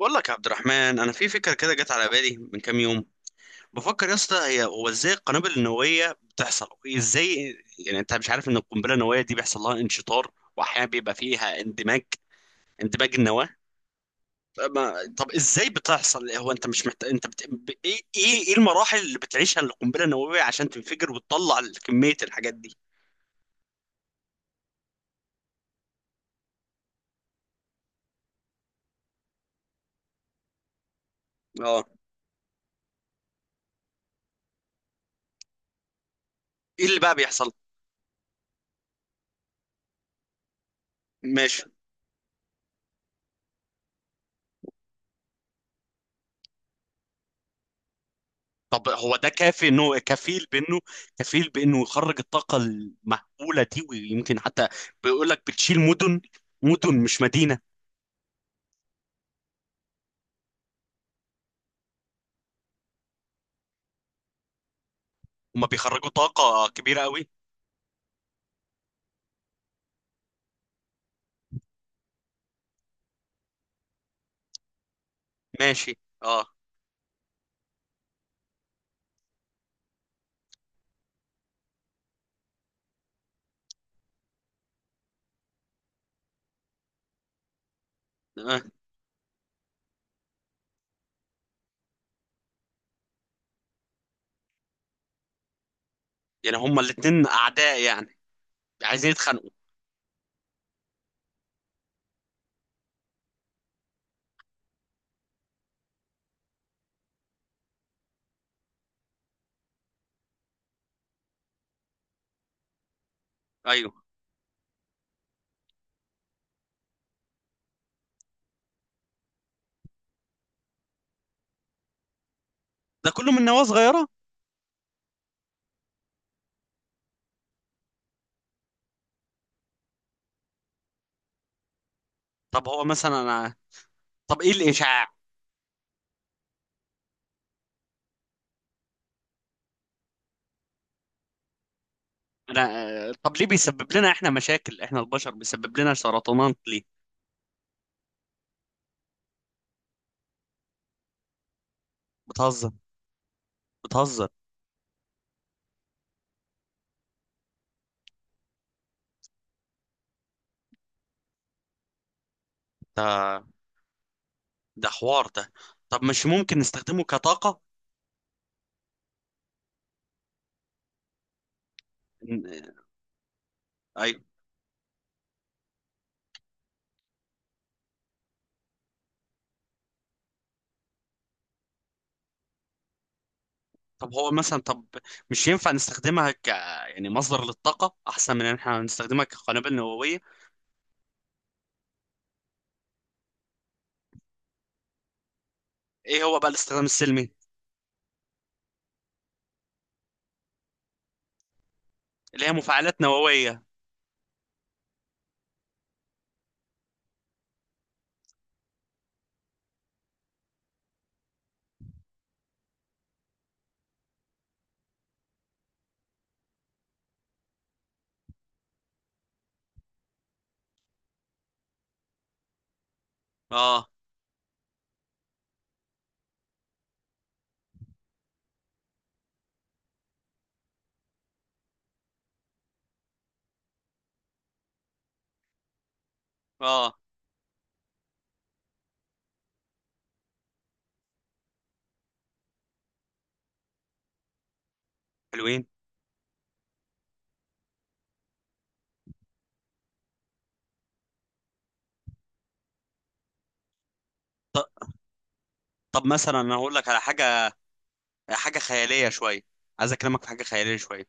بقول لك يا عبد الرحمن، انا في فكره كده جت على بالي من كام يوم. بفكر يا اسطى، هي هو ازاي القنابل النوويه بتحصل؟ ازاي؟ يعني انت مش عارف ان القنبله النوويه دي بيحصل لها انشطار، واحيانا بيبقى فيها اندماج، اندماج النواه. طب ما- طب ازاي بتحصل؟ هو انت مش محتاج انت ايه ايه إيه المراحل اللي بتعيشها القنبله النوويه عشان تنفجر وتطلع كميه الحاجات دي؟ اه. ايه اللي بقى بيحصل؟ ماشي. طب هو ده كافي انه كفيل بانه يخرج الطاقة المهولة دي؟ ويمكن حتى بيقول لك بتشيل مدن، مدن مش مدينة. هما بيخرجوا طاقة كبيرة قوي. ماشي اه. آه. يعني هما الاتنين اعداء يعني، عايزين يتخانقوا. ايوه. ده كله من نواة صغيرة؟ طب هو مثلا انا، طب ايه الاشعاع؟ انا، آه، طب ليه بيسبب لنا احنا مشاكل؟ احنا البشر بيسبب لنا سرطانات ليه؟ بتهزر، بتهزر. ده ده حوار ده. طب مش ممكن نستخدمه كطاقة؟ ايوه. طب هو مثلا، طب مش ينفع نستخدمها ك، يعني مصدر للطاقة أحسن من إن إحنا نستخدمها كقنابل نووية. إيه هو بقى الاستخدام السلمي؟ اللي هي مفاعلات نووية. آه. آه. حلوين. ط- طب مثلا أنا هقول لك على حاجة، حاجة خيالية شوية. عايز أكلمك في حاجة خيالية شوية.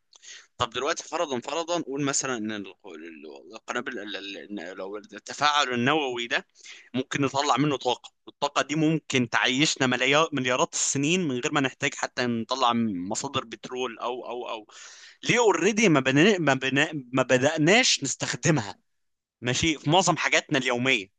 طب دلوقتي فرضا، فرضا، قول مثلا إن القنابل إن لو التفاعل النووي ده ممكن نطلع منه طاقة، والطاقة دي ممكن تعيشنا مليار مليارات السنين من غير ما نحتاج حتى نطلع مصادر بترول أو. ليه اوريدي ما بدأناش نستخدمها؟ ماشي في معظم حاجاتنا اليومية.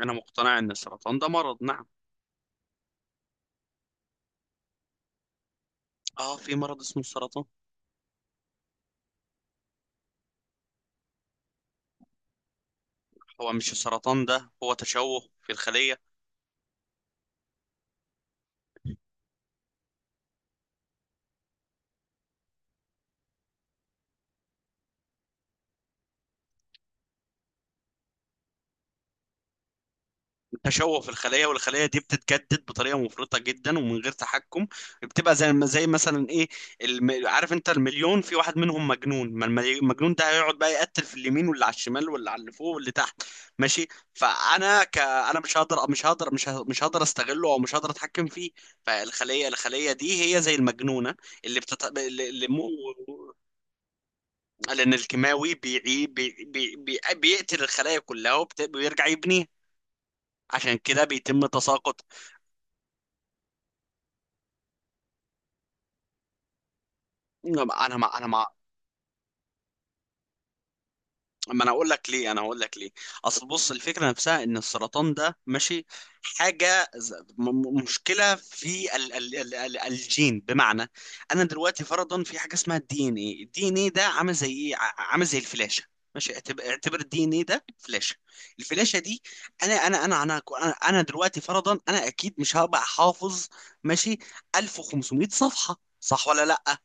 أنا مقتنع إن السرطان ده مرض، نعم. آه في مرض اسمه السرطان. هو مش السرطان ده هو تشوه في الخلية؟ تشوه في الخلايا، والخلايا دي بتتجدد بطريقه مفرطه جدا ومن غير تحكم. بتبقى زي، زي مثلا ايه، عارف انت المليون في واحد منهم مجنون؟ ما المجنون ده هيقعد بقى يقتل في اليمين واللي على الشمال واللي على اللي فوق واللي تحت. ماشي. انا مش هقدر استغله، او مش هقدر اتحكم فيه. فالخليه، الخليه دي هي زي المجنونه، اللي بتت... اللي... اللي مو... لان الكيماوي بيعي... بي... بي... بي... بيقتل الخلايا كلها، ويرجع يبنيها. عشان كده بيتم تساقط. انا ما انا ما ما انا اقول لك ليه، انا هقول لك ليه. اصل بص، الفكره نفسها ان السرطان ده، ماشي، حاجه مشكله في ال الجين. بمعنى انا دلوقتي فرضا في حاجه اسمها الدي ان ايه. الدي ان ايه ده عامل زي ايه، عامل زي الفلاشه. ماشي، اعتبر الدي ان ايه ده فلاشه. الفلاشه دي، انا انا انا انا انا دلوقتي فرضا انا اكيد مش هبقى حافظ، ماشي، 1500 صفحه، صح ولا لا؟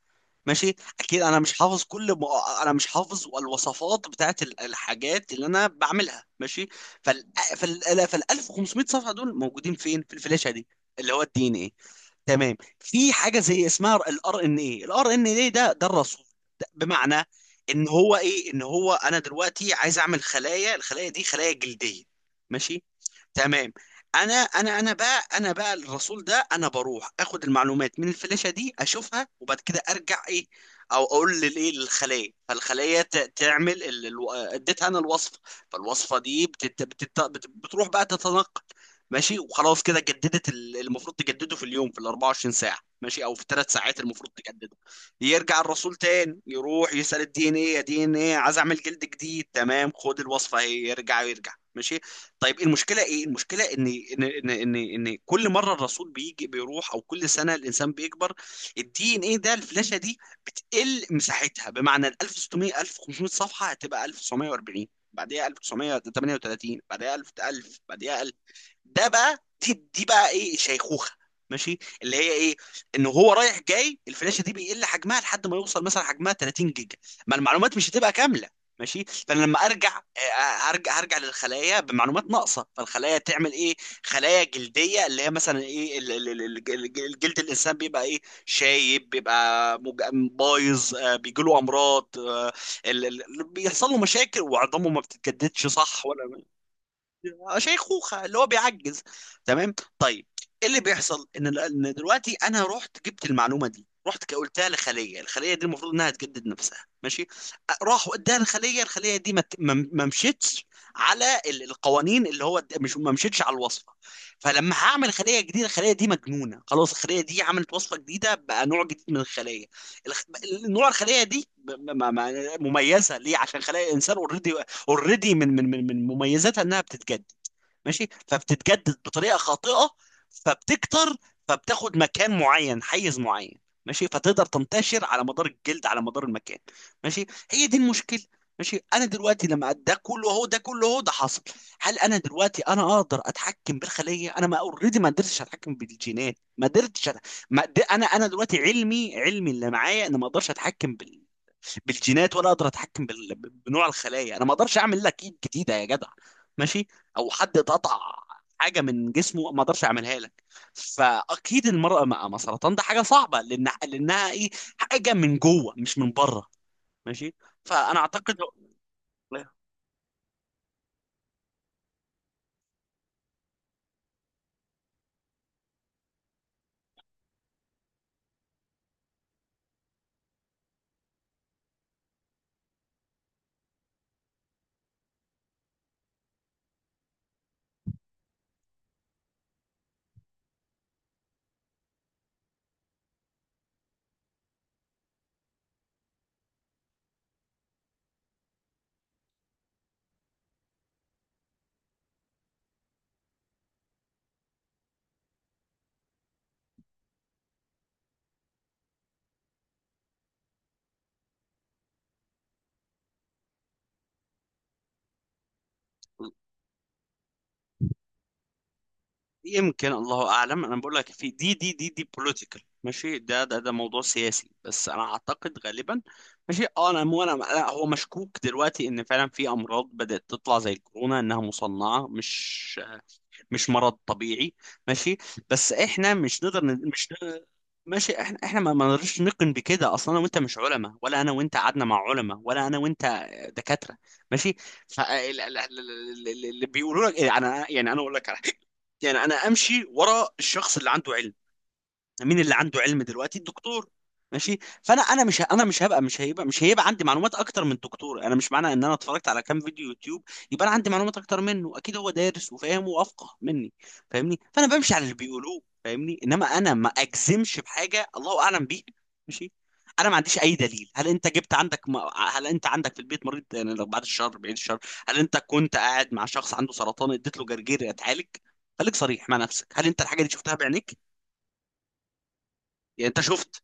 ماشي. اكيد انا مش حافظ انا مش حافظ الوصفات بتاعت الحاجات اللي انا بعملها. ماشي، فال فال 1500 صفحه دول موجودين فين؟ في الفلاشه دي اللي هو الدي ان ايه. تمام. في حاجه زي اسمها الار ان ايه. الار ان ايه ده الرسول. ده بمعنى ان هو ايه، ان هو انا دلوقتي عايز اعمل خلايا، الخلايا دي خلايا جلديه، ماشي، تمام. انا بقى الرسول ده، انا بروح اخد المعلومات من الفلاشة دي، اشوفها، وبعد كده ارجع ايه، او اقول للايه، للخلية، فالخلية تعمل اديتها انا الوصفة. فالوصفة دي بتروح بقى تتنقل. ماشي، وخلاص كده جددت، المفروض تجدده في اليوم في ال 24 ساعة، ماشي، او في الثلاث ساعات المفروض تجدده. يرجع الرسول تاني، يروح يسأل الدي ان ايه: يا دي ان ايه، عايز اعمل جلد جديد. تمام، خد الوصفة اهي، يرجع يرجع. ماشي. طيب المشكله ايه؟ المشكله ان ان إن كل مره الرسول بيجي بيروح، او كل سنه الانسان بيكبر، الدي ان ايه ده، الفلاشه دي، بتقل مساحتها. بمعنى ال 1600، 1500 صفحه هتبقى 1940، بعديها 1938، بعديها 1000، 1000 بعديها. ده بقى دي بقى ايه، شيخوخه. ماشي. اللي هي ايه، ان هو رايح جاي الفلاشه دي بيقل حجمها لحد ما يوصل مثلا حجمها 30 جيجا. ما المعلومات مش هتبقى كامله. ماشي. فانا لما ارجع، آه، هرجع هرجع للخلايا بمعلومات ناقصه. فالخلايا تعمل ايه، خلايا جلديه اللي هي مثلا ايه الجلد، الانسان بيبقى ايه، شايب، بيبقى بايظ، آه، بيجيله امراض، آه، بيحصل له مشاكل وعظامه ما بتتجددش، صح ولا؟ شيخوخه، اللي هو بيعجز. تمام، طيب ايه اللي بيحصل، ان إن دلوقتي انا رحت جبت المعلومه دي، رحت قلتها لخليه، الخليه دي المفروض انها تجدد نفسها، ماشي، راحوا اداها لخليه، الخليه دي ما ت- ما ما مشيتش على القوانين اللي هو مش ما مشيتش على الوصفه. فلما هعمل خليه جديده، الخليه دي مجنونه خلاص، الخليه دي عملت وصفه جديده بقى، نوع جديد من الخليه. الخ... نوع الخليه دي مميزه ليه، عشان خلايا الانسان اوريدي، اوريدي من مميزاتها انها بتتجدد، ماشي، فبتتجدد بطريقه خاطئه، فبتكتر، فبتاخد مكان معين، حيز معين، ماشي، فتقدر تنتشر على مدار الجلد، على مدار المكان. ماشي، هي دي المشكله. ماشي، انا دلوقتي لما ده كله اهو، ده كله اهو، ده حصل، هل انا دلوقتي انا اقدر اتحكم بالخليه؟ انا ما اوريدي ما قدرتش اتحكم بالجينات، ما قدرتش أت- ما قد- انا دلوقتي علمي اللي معايا، انا ما اقدرش اتحكم بال، بالجينات، ولا اقدر اتحكم بنوع الخلايا. انا ما اقدرش اعمل لك ايد جديده يا جدع، ماشي، او حد اتقطع حاجه من جسمه ما اقدرش اعملها لك. فاكيد المراه مع سرطان ده حاجه صعبه، لان لانها ايه، حاجه من جوه مش من بره. ماشي، فانا اعتقد، يمكن الله اعلم، انا بقول لك في دي بوليتيكال، ماشي، ده موضوع سياسي، بس انا اعتقد غالبا. ماشي اه. انا مو انا لا، هو مشكوك دلوقتي ان فعلا في امراض بدات تطلع زي الكورونا انها مصنعه، مش مش مرض طبيعي. ماشي، بس احنا مش نقدر ن- مش ن- ماشي، احنا ما نقدرش نقن بكده. اصلا انا وانت مش علماء، ولا انا وانت قعدنا مع علماء، ولا انا وانت دكاتره. ماشي. فاللي بيقولوا لك، يعني انا اقول لك على حاجه، يعني انا امشي ورا الشخص اللي عنده علم. مين اللي عنده علم دلوقتي؟ الدكتور. ماشي. فانا انا مش ه- انا مش هيبقى عندي معلومات اكتر من الدكتور. انا مش معنى ان انا اتفرجت على كام فيديو يوتيوب يبقى انا عندي معلومات اكتر منه. اكيد هو دارس وفاهم وافقه مني، فاهمني؟ فانا بمشي على اللي بيقولوه، فاهمني؟ انما انا ما اجزمش بحاجه الله اعلم بيها. ماشي. انا ما عنديش اي دليل. هل انت جبت عندك هل انت عندك في البيت مريض يعني، لو بعد الشر، بعيد الشر؟ هل انت كنت قاعد مع شخص عنده سرطان اديت له جرجير يتعالج؟ خليك صريح مع نفسك، هل انت الحاجه دي شفتها بعينيك؟ يعني انت شفت؟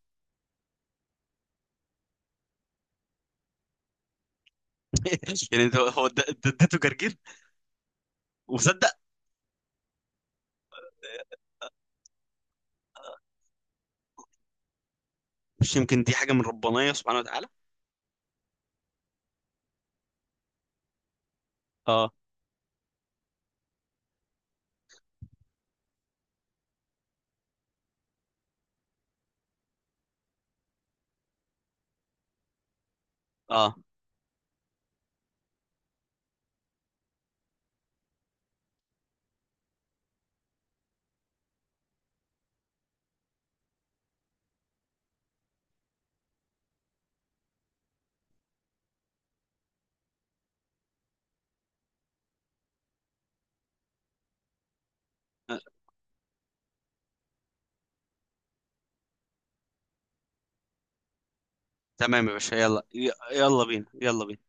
يعني ده هو اديته جرجير وصدق؟ مش يمكن دي حاجة من ربنا سبحانه وتعالى؟ اه اه، آه، تمام يا باشا، يلا يلا بينا، يلا بينا.